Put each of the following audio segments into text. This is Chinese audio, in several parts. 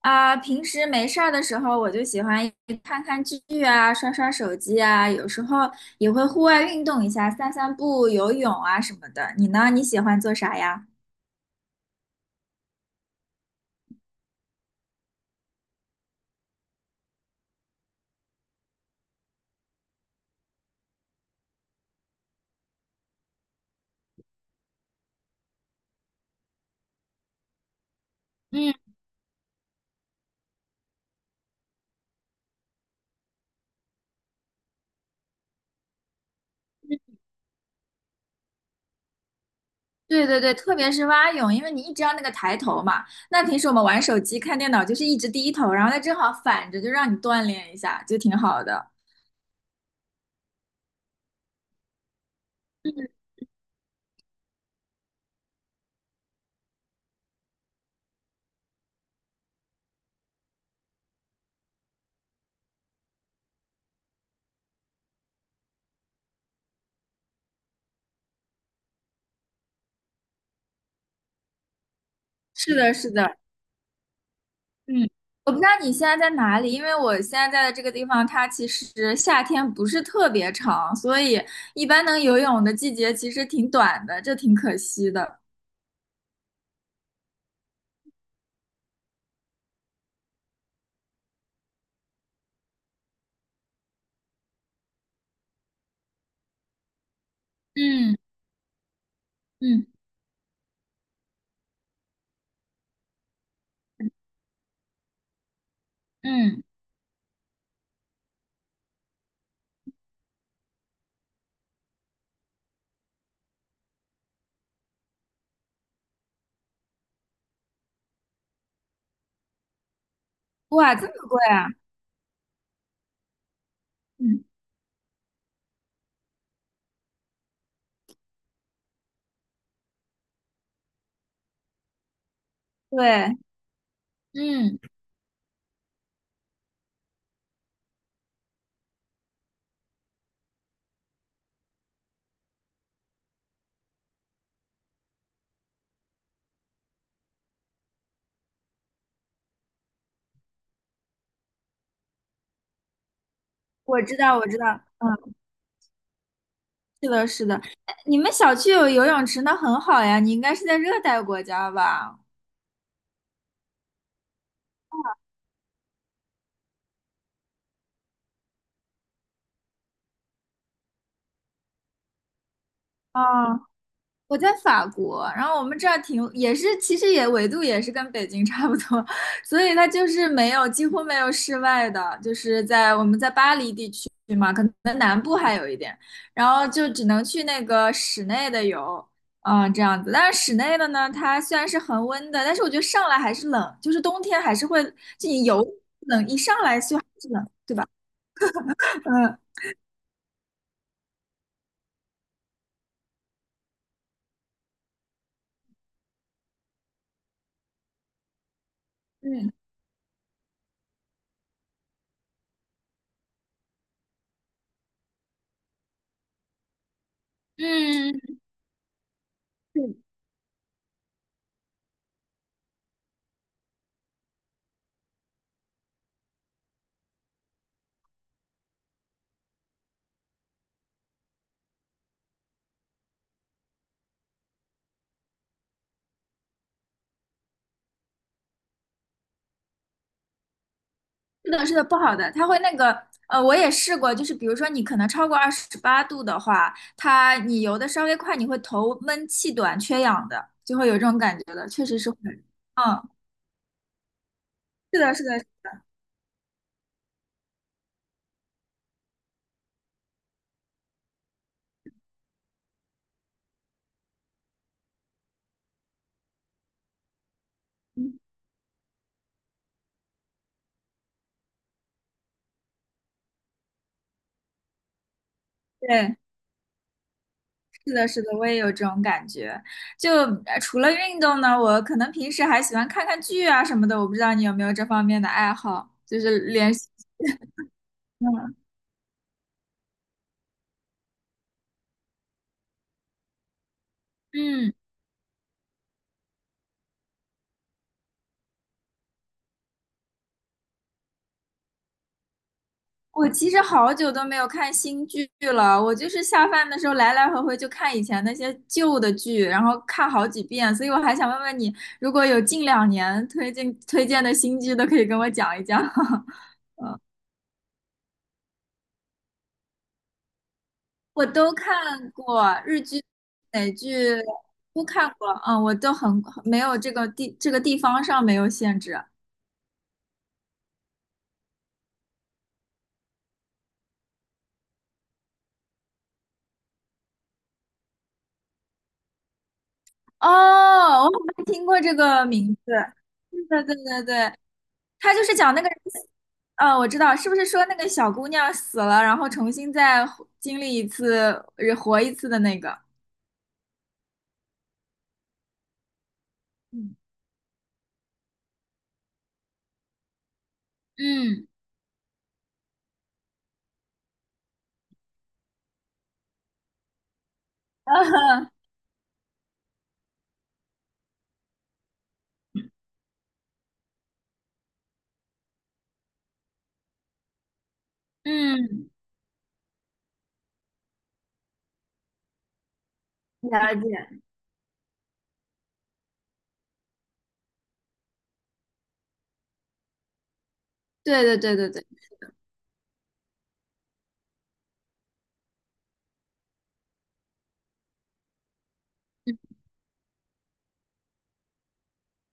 啊，平时没事儿的时候，我就喜欢看看剧啊，刷刷手机啊，有时候也会户外运动一下，散散步、游泳啊什么的。你呢？你喜欢做啥呀？嗯，对对对，特别是蛙泳，因为你一直要那个抬头嘛。那平时我们玩手机、看电脑就是一直低头，然后它正好反着，就让你锻炼一下，就挺好的。嗯，是的，是的。嗯，我不知道你现在在哪里，因为我现在在的这个地方，它其实夏天不是特别长，所以一般能游泳的季节其实挺短的，这挺可惜的。嗯嗯嗯，哇，这么贵啊！嗯，对，嗯，我知道，我知道，嗯，是的，是的。哎你们小区有游泳池，那很好呀，你应该是在热带国家吧？哦，我在法国，然后我们这儿挺也是，其实也纬度也是跟北京差不多，所以它就是没有几乎没有室外的，就是在我们在巴黎地区嘛，可能南部还有一点，然后就只能去那个室内的游，嗯，这样子。但是室内的呢，它虽然是恒温的，但是我觉得上来还是冷，就是冬天还是会，就你游冷一上来就还是冷，嗯嗯嗯，是的，是的，不好的，它会那个，我也试过，就是比如说你可能超过28度的话，你游的稍微快，你会头闷气短、缺氧的，就会有这种感觉的，确实是会。嗯，是的，是的，嗯对，是的，是的，我也有这种感觉。就除了运动呢，我可能平时还喜欢看看剧啊什么的，我不知道你有没有这方面的爱好，就是连续，嗯嗯。我其实好久都没有看新剧了，我就是下饭的时候来来回回就看以前那些旧的剧，然后看好几遍，所以我还想问问你，如果有近2年推荐推荐的新剧，都可以跟我讲一讲。我都看过日剧、美剧都看过，嗯，我都很没有这个地方上没有限制。哦，我好像听过这个名字。对对对对对，他就是讲那个人嗯，我知道，是不是说那个小姑娘死了，然后重新再活经历一次，活一次的那个？嗯，嗯 嗯，嗯，了解。对对对对对，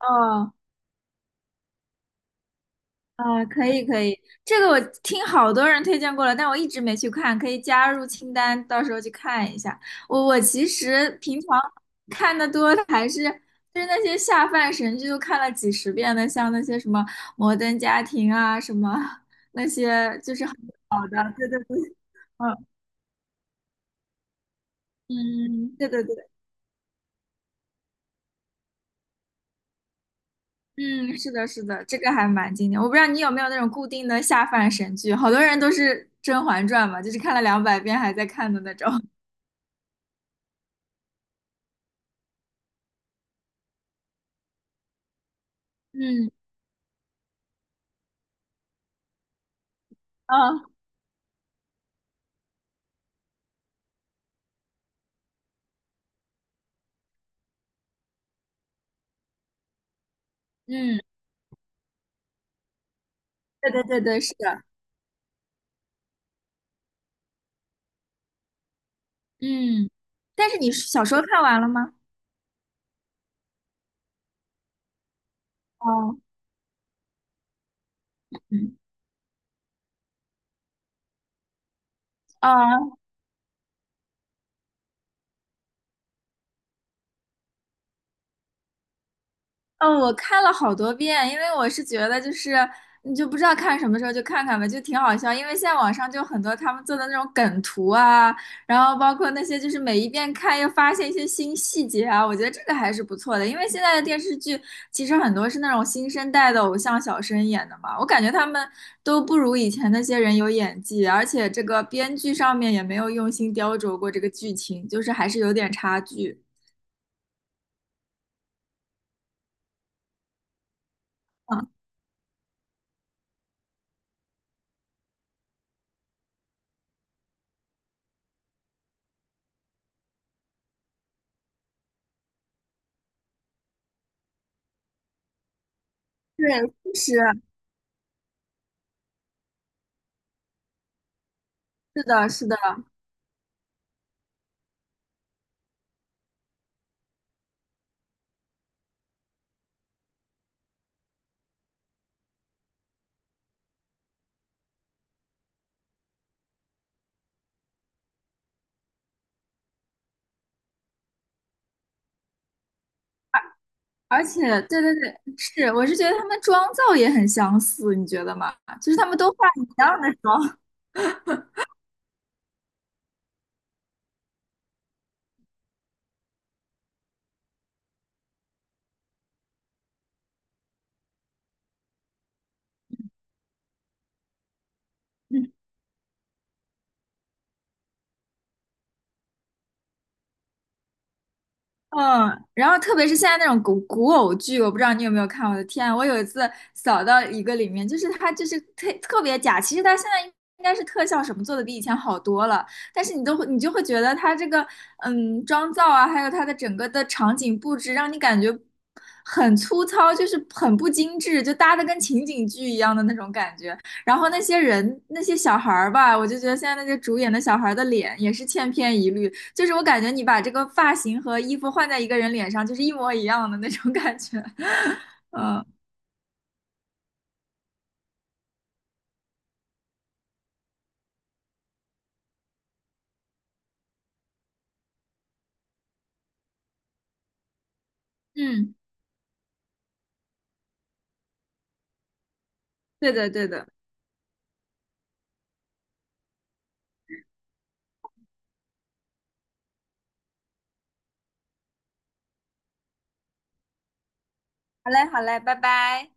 哦。啊，可以可以，这个我听好多人推荐过了，但我一直没去看，可以加入清单，到时候去看一下。我其实平常看的多的还是就是那些下饭神剧，都看了几十遍的，像那些什么《摩登家庭》啊，什么那些就是很老的，对对对，嗯嗯，对对对，嗯，是的，是的，这个还蛮经典。我不知道你有没有那种固定的下饭神剧，好多人都是《甄嬛传》嘛，就是看了200遍还在看的那种。嗯，嗯，嗯对对对对，是的。嗯，但是你小时候看完了吗？哦，嗯哦，嗯，我看了好多遍，因为我是觉得就是你就不知道看什么时候就看看吧，就挺好笑。因为现在网上就很多他们做的那种梗图啊，然后包括那些就是每一遍看又发现一些新细节啊，我觉得这个还是不错的。因为现在的电视剧其实很多是那种新生代的偶像小生演的嘛，我感觉他们都不如以前那些人有演技，而且这个编剧上面也没有用心雕琢过这个剧情，就是还是有点差距。嗯，对，确实是的，是的。而且，对对对，是，我是觉得他们妆造也很相似，你觉得吗？就是他们都化一样的妆。嗯，然后特别是现在那种古偶剧，我不知道你有没有看。我的天啊，我有一次扫到一个里面，就是它就是特别假。其实它现在应该是特效什么做的比以前好多了，但是你就会觉得它这个妆造啊，还有它的整个的场景布置，让你感觉很粗糙，就是很不精致，就搭的跟情景剧一样的那种感觉。然后那些人那些小孩儿吧，我就觉得现在那些主演的小孩儿的脸也是千篇一律。就是我感觉你把这个发型和衣服换在一个人脸上，就是一模一样的那种感觉。嗯嗯，对的对的。好嘞好嘞，拜拜。